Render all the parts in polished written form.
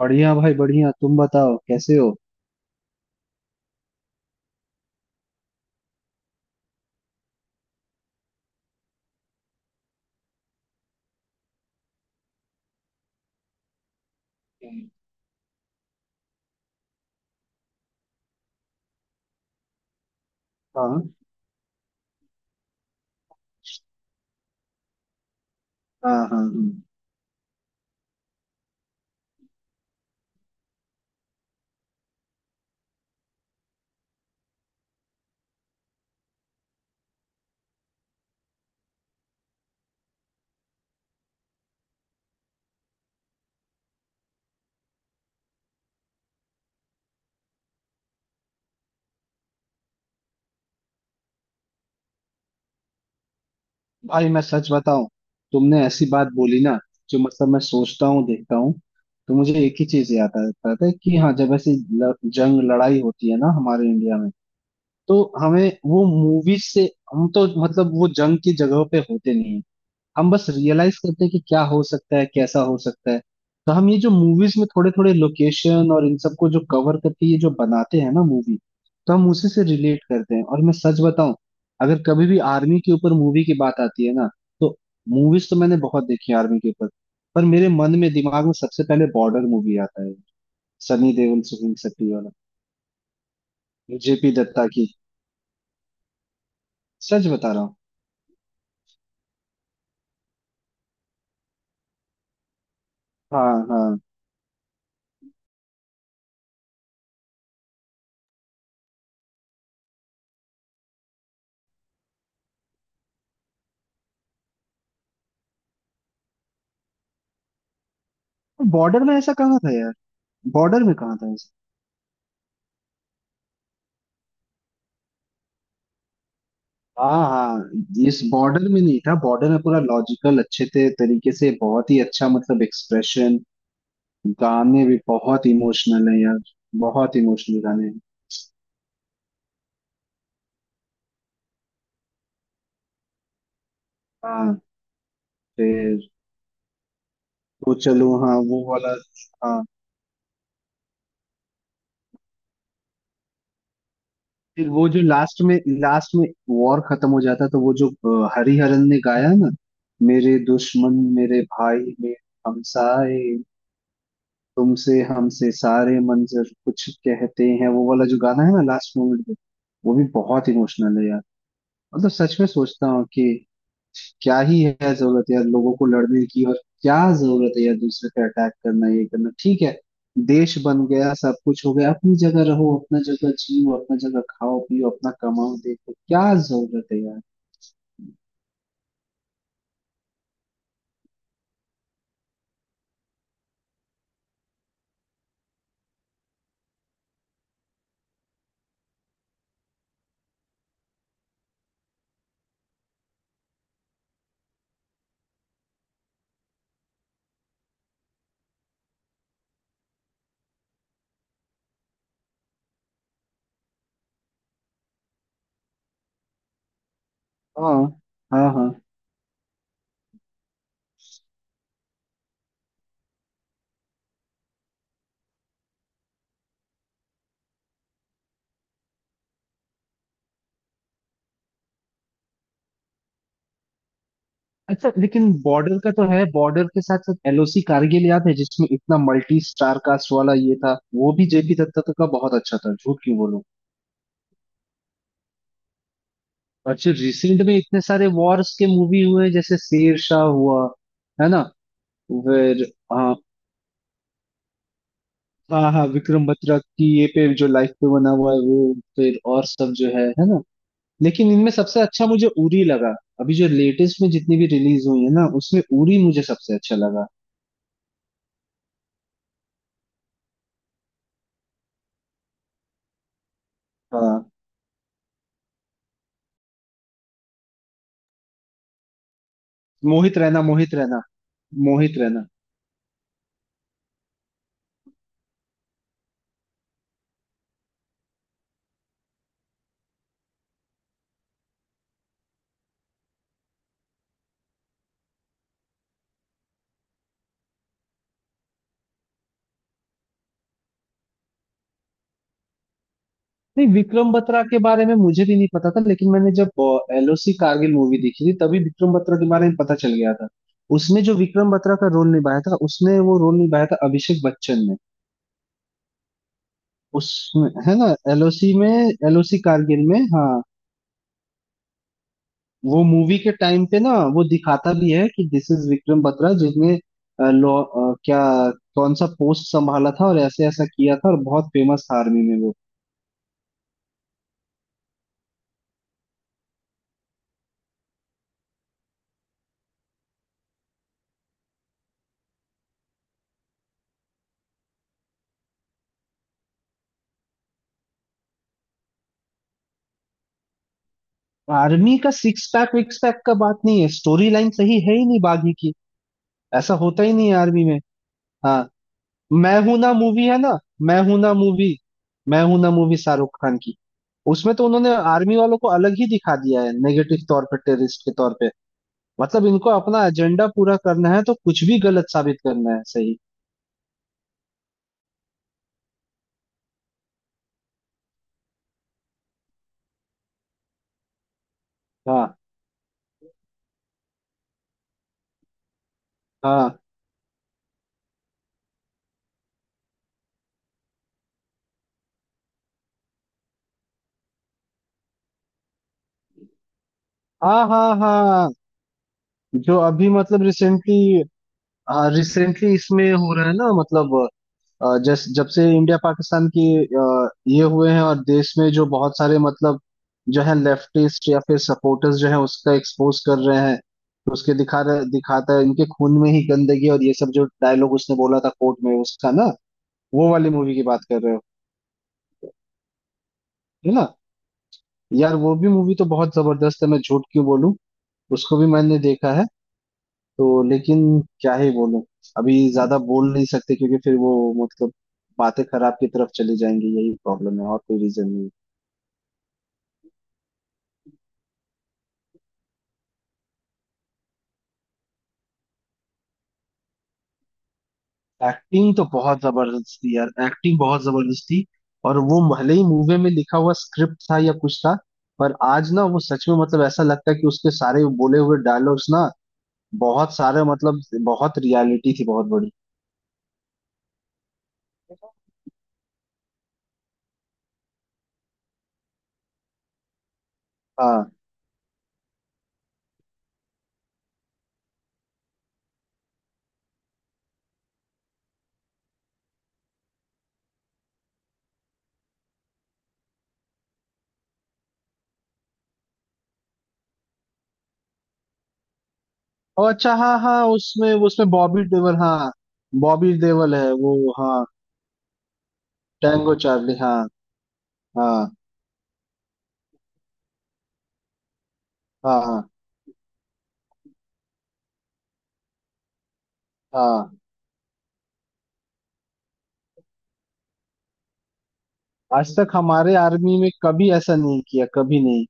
बढ़िया भाई बढ़िया। तुम बताओ कैसे हो। हम्म, हाँ हाँ हाँ हाँ। भाई मैं सच बताऊं, तुमने ऐसी बात बोली ना, जो मैं सोचता हूँ देखता हूँ, तो मुझे एक ही चीज याद आता है कि हाँ, जब ऐसी जंग लड़ाई होती है ना हमारे इंडिया में, तो हमें वो मूवीज से, हम तो मतलब वो जंग की जगह पे होते नहीं है। हम बस रियलाइज करते हैं कि क्या हो सकता है, कैसा हो सकता है। तो हम ये जो मूवीज में थोड़े थोड़े लोकेशन और इन सबको जो कवर करके ये जो बनाते हैं ना मूवी, तो हम उसी से रिलेट करते हैं। और मैं सच बताऊं, अगर कभी भी आर्मी के ऊपर मूवी की बात आती है ना, तो मूवीज तो मैंने बहुत देखी है आर्मी के ऊपर, पर मेरे मन में दिमाग में सबसे पहले बॉर्डर मूवी आता है। सनी देओल सुनील शेट्टी वाला, जेपी दत्ता की। सच बता रहा हूँ। हाँ हाँ। बॉर्डर में ऐसा कहाँ था यार। बॉर्डर में कहाँ था ऐसा। हाँ हाँ। इस बॉर्डर में नहीं था। बॉर्डर में पूरा लॉजिकल अच्छे थे, तरीके से बहुत ही अच्छा मतलब एक्सप्रेशन। गाने भी बहुत इमोशनल है यार। बहुत इमोशनल गाने हैं। हाँ। फिर तो चलो, हाँ वो वाला। हाँ, फिर वो जो लास्ट में, लास्ट में वॉर खत्म हो जाता, तो वो जो हरिहरन ने गाया ना, मेरे दुश्मन मेरे भाई मेरे हमसाए, तुमसे हमसे सारे मंजर कुछ कहते हैं, वो वाला जो गाना है ना लास्ट मोमेंट पे, वो भी बहुत इमोशनल है यार। मतलब सच में सोचता हूँ कि क्या ही है जरूरत यार लोगों को लड़ने की। और क्या जरूरत है यार दूसरे पे अटैक करना, ये करना ठीक है। देश बन गया, सब कुछ हो गया, अपनी जगह रहो, अपना जगह जियो, अपना जगह खाओ पियो, अपना कमाओ, देखो क्या जरूरत है यार। हाँ हाँ हाँ। अच्छा, लेकिन बॉर्डर का तो है, बॉर्डर के साथ साथ एलओसी कारगिल याद है जिसमें इतना मल्टी स्टार कास्ट वाला ये था। वो भी जेपी दत्ता तो का बहुत अच्छा था, झूठ क्यों बोलूं। अच्छा, रिसेंट में इतने सारे वॉर्स के मूवी हुए, जैसे शेरशाह हुआ, है ना। फिर हाँ हाँ हाँ, विक्रम बत्रा की ये पे जो लाइफ पे बना हुआ है वो, फिर और सब जो है ना। लेकिन इनमें सबसे अच्छा मुझे उरी लगा। अभी जो लेटेस्ट में जितनी भी रिलीज हुई है ना, उसमें उरी मुझे सबसे अच्छा लगा। हाँ। मोहित रैना, मोहित रैना। मोहित रैना। नहीं, विक्रम बत्रा के बारे में मुझे भी नहीं पता था, लेकिन मैंने जब एलओसी कारगिल मूवी देखी थी तभी विक्रम बत्रा के बारे में पता चल गया था। उसमें जो विक्रम बत्रा का रोल निभाया था, उसने वो रोल निभाया था अभिषेक बच्चन ने। उसमें, है ना, एलओसी में। एलओसी कारगिल में, हाँ। वो मूवी के टाइम पे ना वो दिखाता भी है कि दिस इज विक्रम बत्रा, जिसने लॉ क्या, कौन सा पोस्ट संभाला था और ऐसे ऐसा किया था, और बहुत फेमस था आर्मी में वो। आर्मी का सिक्स पैक विक्स पैक का बात नहीं है, स्टोरी लाइन सही है ही नहीं बागी की। ऐसा होता ही नहीं है आर्मी में। हाँ। मैं हूं ना मूवी, है ना। मैं हूं ना मूवी। मैं हूं ना मूवी, शाहरुख खान की। उसमें तो उन्होंने आर्मी वालों को अलग ही दिखा दिया है, नेगेटिव तौर पे, टेररिस्ट के तौर पे। मतलब इनको अपना एजेंडा पूरा करना है, तो कुछ भी गलत साबित करना है, सही। हाँ हाँ हाँ हाँ हाँ। जो अभी मतलब रिसेंटली रिसेंटली इसमें हो रहा है ना, मतलब जस जब से इंडिया पाकिस्तान की ये हुए हैं और देश में जो बहुत सारे मतलब जो है लेफ्टिस्ट या फिर सपोर्टर्स जो है, उसका एक्सपोज कर रहे हैं। तो उसके दिखा रहे, दिखाता है इनके खून में ही गंदगी और ये सब, जो डायलॉग उसने बोला था कोर्ट में उसका ना, वो वाली मूवी की बात कर रहे हो, है ना। यार वो भी मूवी तो बहुत जबरदस्त है, मैं झूठ क्यों बोलूं। उसको भी मैंने देखा है। तो लेकिन क्या ही बोलूं। अभी ज्यादा बोल नहीं सकते क्योंकि फिर वो, मतलब बातें खराब की तरफ चली जाएंगी, यही प्रॉब्लम है, और कोई रीजन नहीं। एक्टिंग तो बहुत जबरदस्त थी यार, एक्टिंग बहुत जबरदस्त थी। और वो भले ही मूवी में लिखा हुआ स्क्रिप्ट था या कुछ था, पर आज ना वो सच में मतलब ऐसा लगता है कि उसके सारे बोले हुए डायलॉग्स ना, बहुत सारे मतलब बहुत रियलिटी थी, बहुत बड़ी। हाँ। और अच्छा, हाँ हाँ, उसमें उसमें बॉबी देओल, हाँ। बॉबी देओल है वो, हाँ। टैंगो चार्ली, हाँ हाँ हाँ हाँ हाँ। आज तक हमारे आर्मी में कभी ऐसा नहीं किया, कभी नहीं।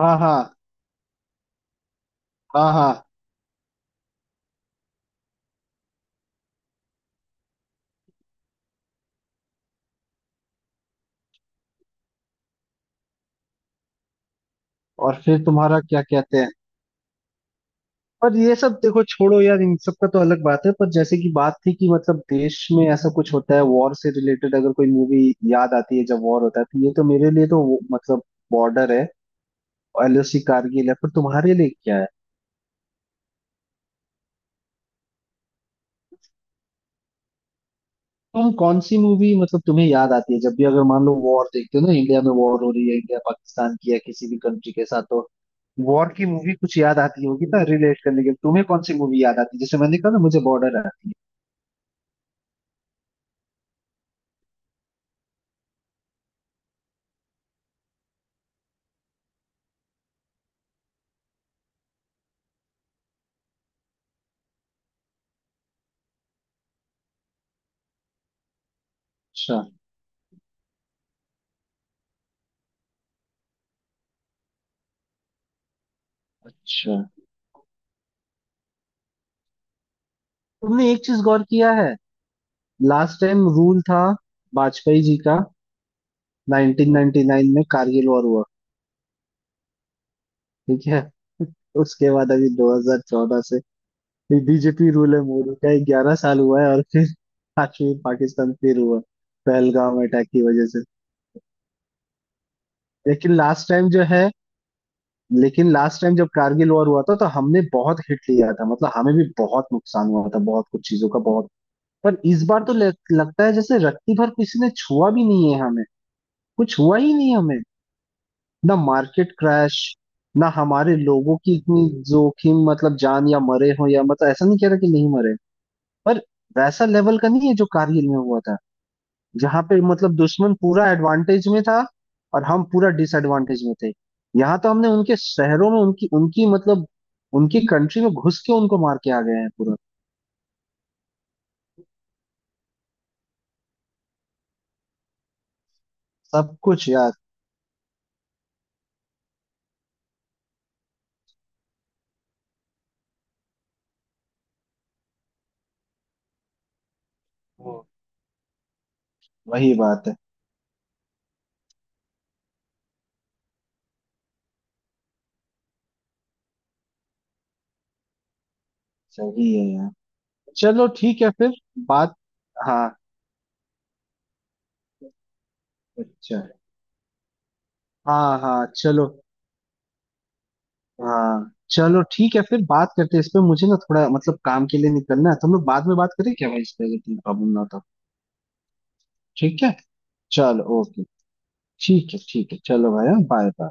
हाँ हाँ हाँ हाँ। और फिर तुम्हारा क्या कहते हैं, पर ये सब देखो, छोड़ो यार, इन सब का तो अलग बात है। पर जैसे कि बात थी कि मतलब देश में ऐसा कुछ होता है वॉर से रिलेटेड, अगर कोई मूवी याद आती है जब वॉर होता है, तो ये तो मेरे लिए तो मतलब बॉर्डर है और एलओसी कारगिल है। पर तुम्हारे लिए क्या है, तुम कौन सी मूवी मतलब तुम्हें याद आती है, जब भी अगर मान लो वॉर देखते हो ना, इंडिया में वॉर हो रही है इंडिया पाकिस्तान की या किसी भी कंट्री के साथ, तो वॉर की मूवी कुछ याद आती होगी ना रिलेट करने के लिए। तुम्हें कौन सी मूवी याद आती है, जैसे मैंने कहा ना मुझे बॉर्डर आती है। अच्छा। अच्छा, तुमने एक चीज गौर किया है। लास्ट टाइम रूल था वाजपेयी जी का। 1999 में कारगिल वॉर हुआ। ठीक है। उसके बाद अभी 2014 से बीजेपी रूल है मोदी का, 11 साल हुआ है। और फिर कश्मीर पाकिस्तान फिर हुआ, पहलगाम अटैक की वजह से। लेकिन लास्ट टाइम जो है, लेकिन लास्ट टाइम जब कारगिल वॉर हुआ था तो हमने बहुत हिट लिया था, मतलब हमें भी बहुत नुकसान हुआ था, बहुत कुछ चीजों का बहुत। पर इस बार तो लगता है जैसे रत्ती भर किसी ने छुआ भी नहीं है हमें। कुछ हुआ ही नहीं हमें। ना मार्केट क्रैश, ना हमारे लोगों की इतनी जोखिम, मतलब जान या मरे हो, या मतलब ऐसा नहीं कह रहा कि नहीं मरे, पर वैसा लेवल का नहीं है जो कारगिल में हुआ था। जहां पे मतलब दुश्मन पूरा एडवांटेज में था, और हम पूरा डिसएडवांटेज में थे। यहाँ तो हमने उनके शहरों में उनकी उनकी मतलब उनकी कंट्री में घुस के उनको मार के आ गए हैं, पूरा सब कुछ यार। वो वही बात है। सही है यार। चलो ठीक है फिर, बात। हाँ। अच्छा, हाँ हाँ, चलो। हाँ चलो, ठीक है फिर बात करते हैं इस पे। मुझे ना थोड़ा मतलब काम के लिए निकलना है, तो हम लोग बाद में बात करें क्या भाई इस पे, अगर तुम्हें प्रॉब्लम ना हो तो। ठीक है, चलो, ओके। ठीक है, ठीक है, चलो भाई। Bye bye.